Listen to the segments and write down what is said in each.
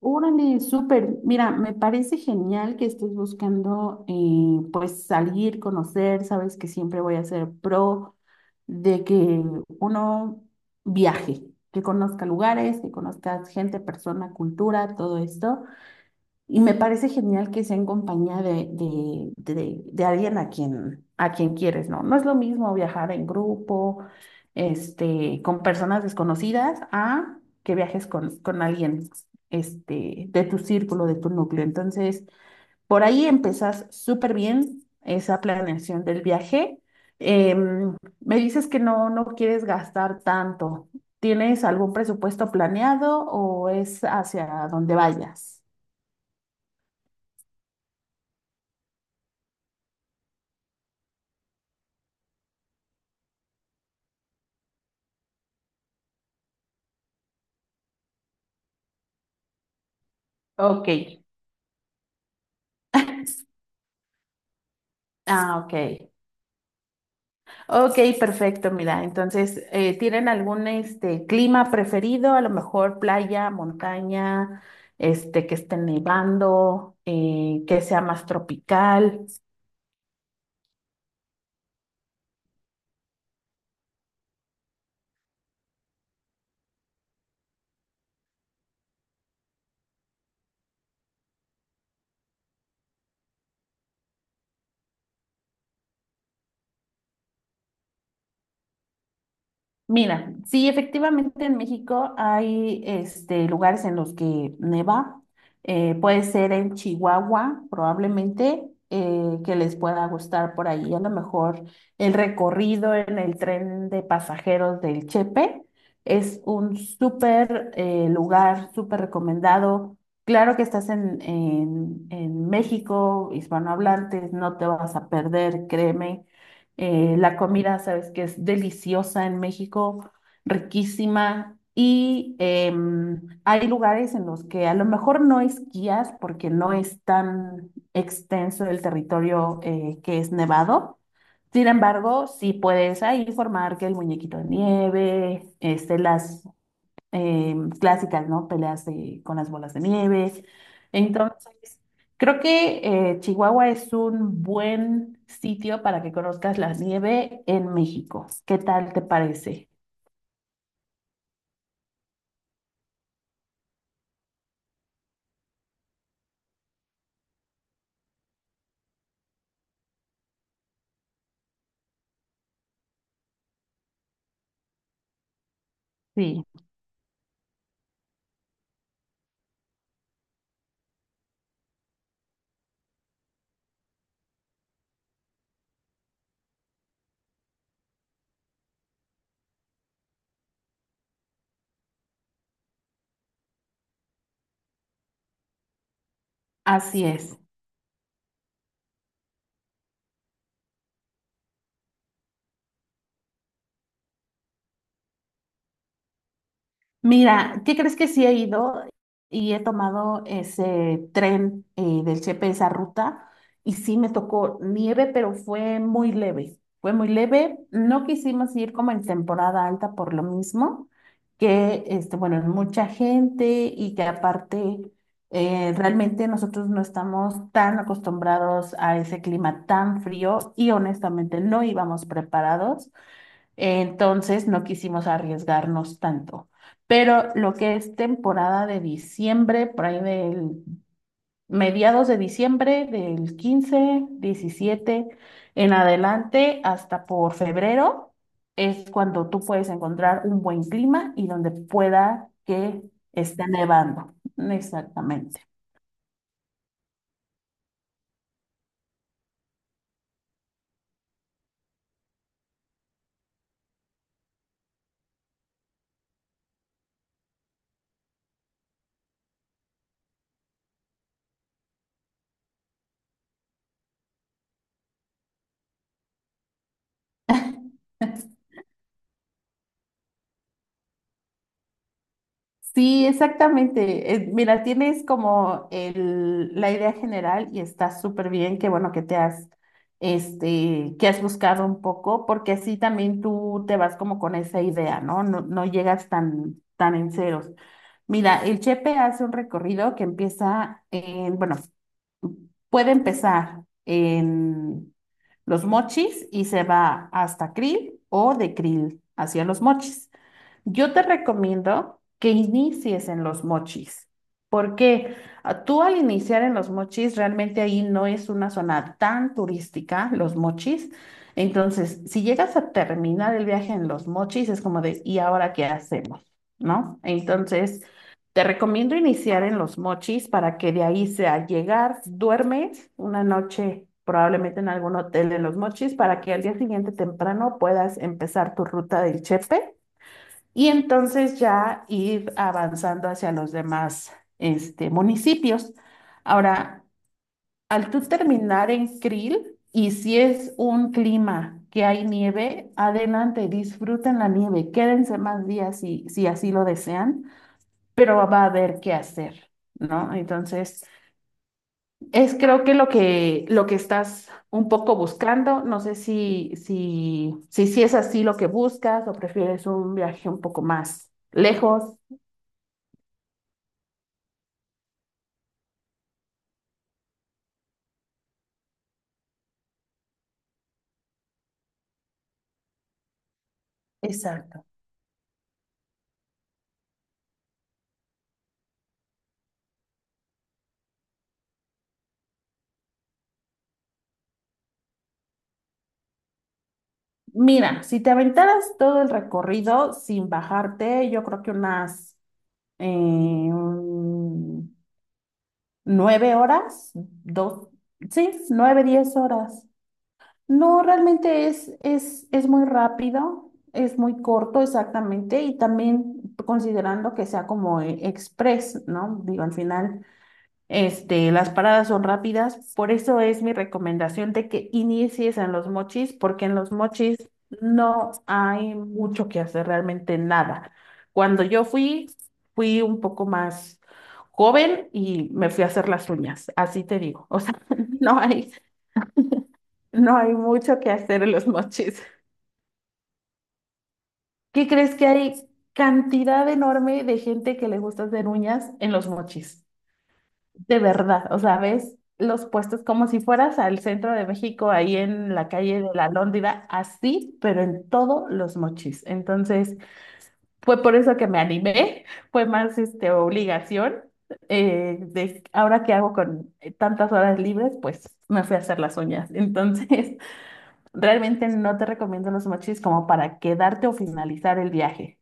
Órale, súper. Mira, me parece genial que estés buscando pues salir, conocer, sabes que siempre voy a ser pro de que uno viaje, que conozca lugares, que conozca gente, persona, cultura, todo esto. Y me parece genial que sea en compañía de alguien a quien quieres, ¿no? No es lo mismo viajar en grupo, con personas desconocidas, a que viajes con alguien, de tu círculo, de tu núcleo. Entonces, por ahí empezás súper bien esa planeación del viaje. Em, Me dices que no quieres gastar tanto. ¿Tienes algún presupuesto planeado o es hacia donde vayas? Ok. Ah, ok. Ok, perfecto. Mira, entonces, ¿tienen algún clima preferido? A lo mejor playa, montaña, que esté nevando, que sea más tropical. Mira, sí, efectivamente en México hay lugares en los que neva. Puede ser en Chihuahua, probablemente, que les pueda gustar por ahí. A lo mejor el recorrido en el tren de pasajeros del Chepe es un súper lugar, súper recomendado. Claro que estás en, en México, hispanohablantes, no te vas a perder, créeme. La comida, sabes que es deliciosa en México, riquísima. Y hay lugares en los que a lo mejor no esquías porque no es tan extenso el territorio que es nevado. Sin embargo, sí puedes ahí formar que el muñequito de nieve, las eh, clásicas, ¿no? Peleas de- con las bolas de nieve. Entonces, creo que Chihuahua es un buen sitio para que conozcas la nieve en México. ¿Qué tal te parece? Sí. Así es. Mira, ¿qué crees que sí he ido y he tomado ese tren del Chepe, esa ruta? Y sí me tocó nieve, pero fue muy leve. Fue muy leve. No quisimos ir como en temporada alta por lo mismo, que bueno, es mucha gente y que aparte realmente nosotros no estamos tan acostumbrados a ese clima tan frío y honestamente no íbamos preparados. Entonces no quisimos arriesgarnos tanto. Pero lo que es temporada de diciembre, por ahí del mediados de diciembre, del 15, 17, en adelante, hasta por febrero, es cuando tú puedes encontrar un buen clima y donde pueda que esté nevando. Exactamente. Sí, exactamente. Mira, tienes como el, la idea general y está súper bien, que bueno que te has, que has buscado un poco, porque así también tú te vas como con esa idea, ¿no? No, no llegas tan, tan en ceros. Mira, el Chepe hace un recorrido que empieza en, bueno, puede empezar en Los Mochis y se va hasta Krill o de Krill hacia Los Mochis. Yo te recomiendo que inicies en Los Mochis, porque ah, tú al iniciar en Los Mochis, realmente ahí no es una zona tan turística, Los Mochis. Entonces, si llegas a terminar el viaje en Los Mochis, es como de, ¿y ahora qué hacemos? ¿No? Entonces, te recomiendo iniciar en Los Mochis para que de ahí sea llegar, duermes una noche probablemente en algún hotel de Los Mochis para que al día siguiente temprano puedas empezar tu ruta del Chepe y entonces ya ir avanzando hacia los demás municipios. Ahora, al tú terminar en Krill y si es un clima que hay nieve, adelante, disfruten la nieve, quédense más días si así lo desean, pero va a haber qué hacer, ¿no? Entonces, es creo que lo que estás un poco buscando, no sé si es así lo que buscas o prefieres un viaje un poco más lejos. Exacto. Mira, si te aventaras todo el recorrido sin bajarte, yo creo que unas eh, un- 9 horas, dos, sí, 9, 10 horas. No, realmente es muy rápido, es muy corto exactamente y también considerando que sea como express, ¿no? Digo, al final, las paradas son rápidas, por eso es mi recomendación de que inicies en Los Mochis, porque en Los Mochis no hay mucho que hacer, realmente nada. Cuando yo fui, fui un poco más joven y me fui a hacer las uñas, así te digo, o sea, no hay. No hay mucho que hacer en Los Mochis. ¿Qué crees que hay cantidad enorme de gente que le gusta hacer uñas en Los Mochis? De verdad, o sea, ves los puestos como si fueras al centro de México, ahí en la calle de la Lóndida, así, pero en todos Los Mochis. Entonces, fue por eso que me animé, fue más obligación. De ahora que hago con tantas horas libres, pues me fui a hacer las uñas. Entonces, realmente no te recomiendo Los Mochis como para quedarte o finalizar el viaje.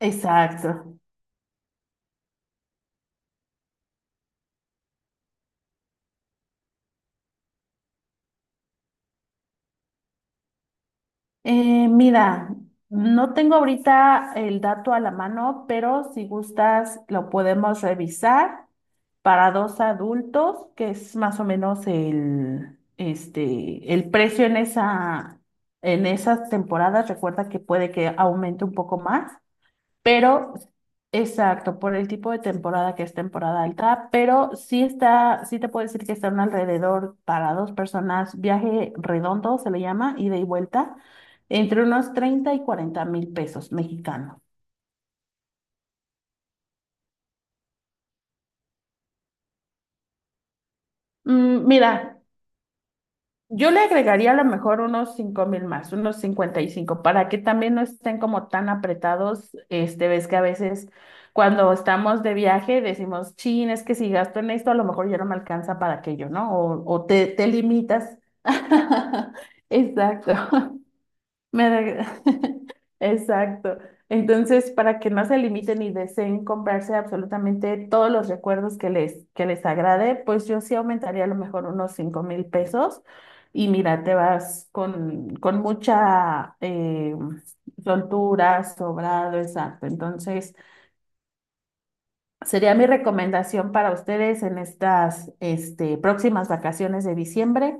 Exacto. Mira, no tengo ahorita el dato a la mano, pero si gustas lo podemos revisar para dos adultos, que es más o menos el, el precio en esa, en esas temporadas. Recuerda que puede que aumente un poco más. Pero, exacto, por el tipo de temporada que es temporada alta, pero sí está, sí te puedo decir que están alrededor para dos personas, viaje redondo se le llama, ida y vuelta, entre unos 30 y 40 mil pesos mexicanos. Mm, mira, yo le agregaría a lo mejor unos 5,000 más, unos 55 mil, para que también no estén como tan apretados. Este, ves que a veces cuando estamos de viaje decimos, chin, es que si gasto en esto, a lo mejor ya no me alcanza para aquello, ¿no? O te limitas. Exacto. Me reg- Exacto. Entonces, para que no se limiten y deseen comprarse absolutamente todos los recuerdos que les agrade, pues yo sí aumentaría a lo mejor unos 5,000 pesos. Y mira, te vas con mucha soltura, sobrado, exacto. Entonces, sería mi recomendación para ustedes en estas próximas vacaciones de diciembre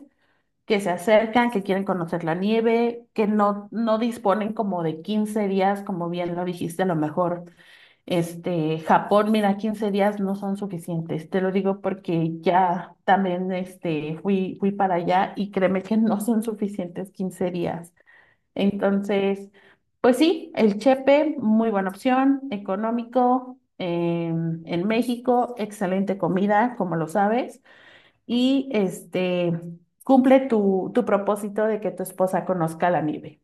que se acercan, que quieren conocer la nieve, que no disponen como de 15 días, como bien lo dijiste, a lo mejor, Japón, mira, 15 días no son suficientes. Te lo digo porque ya también, fui para allá y créeme que no son suficientes 15 días. Entonces, pues sí, el Chepe, muy buena opción, económico, en México, excelente comida, como lo sabes y cumple tu, tu propósito de que tu esposa conozca la nieve.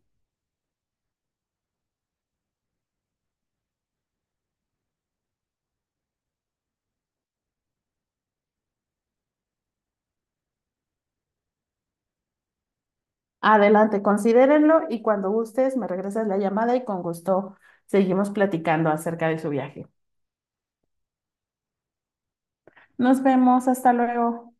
Adelante, considérenlo y cuando gustes me regresas la llamada y con gusto seguimos platicando acerca de su viaje. Nos vemos, hasta luego.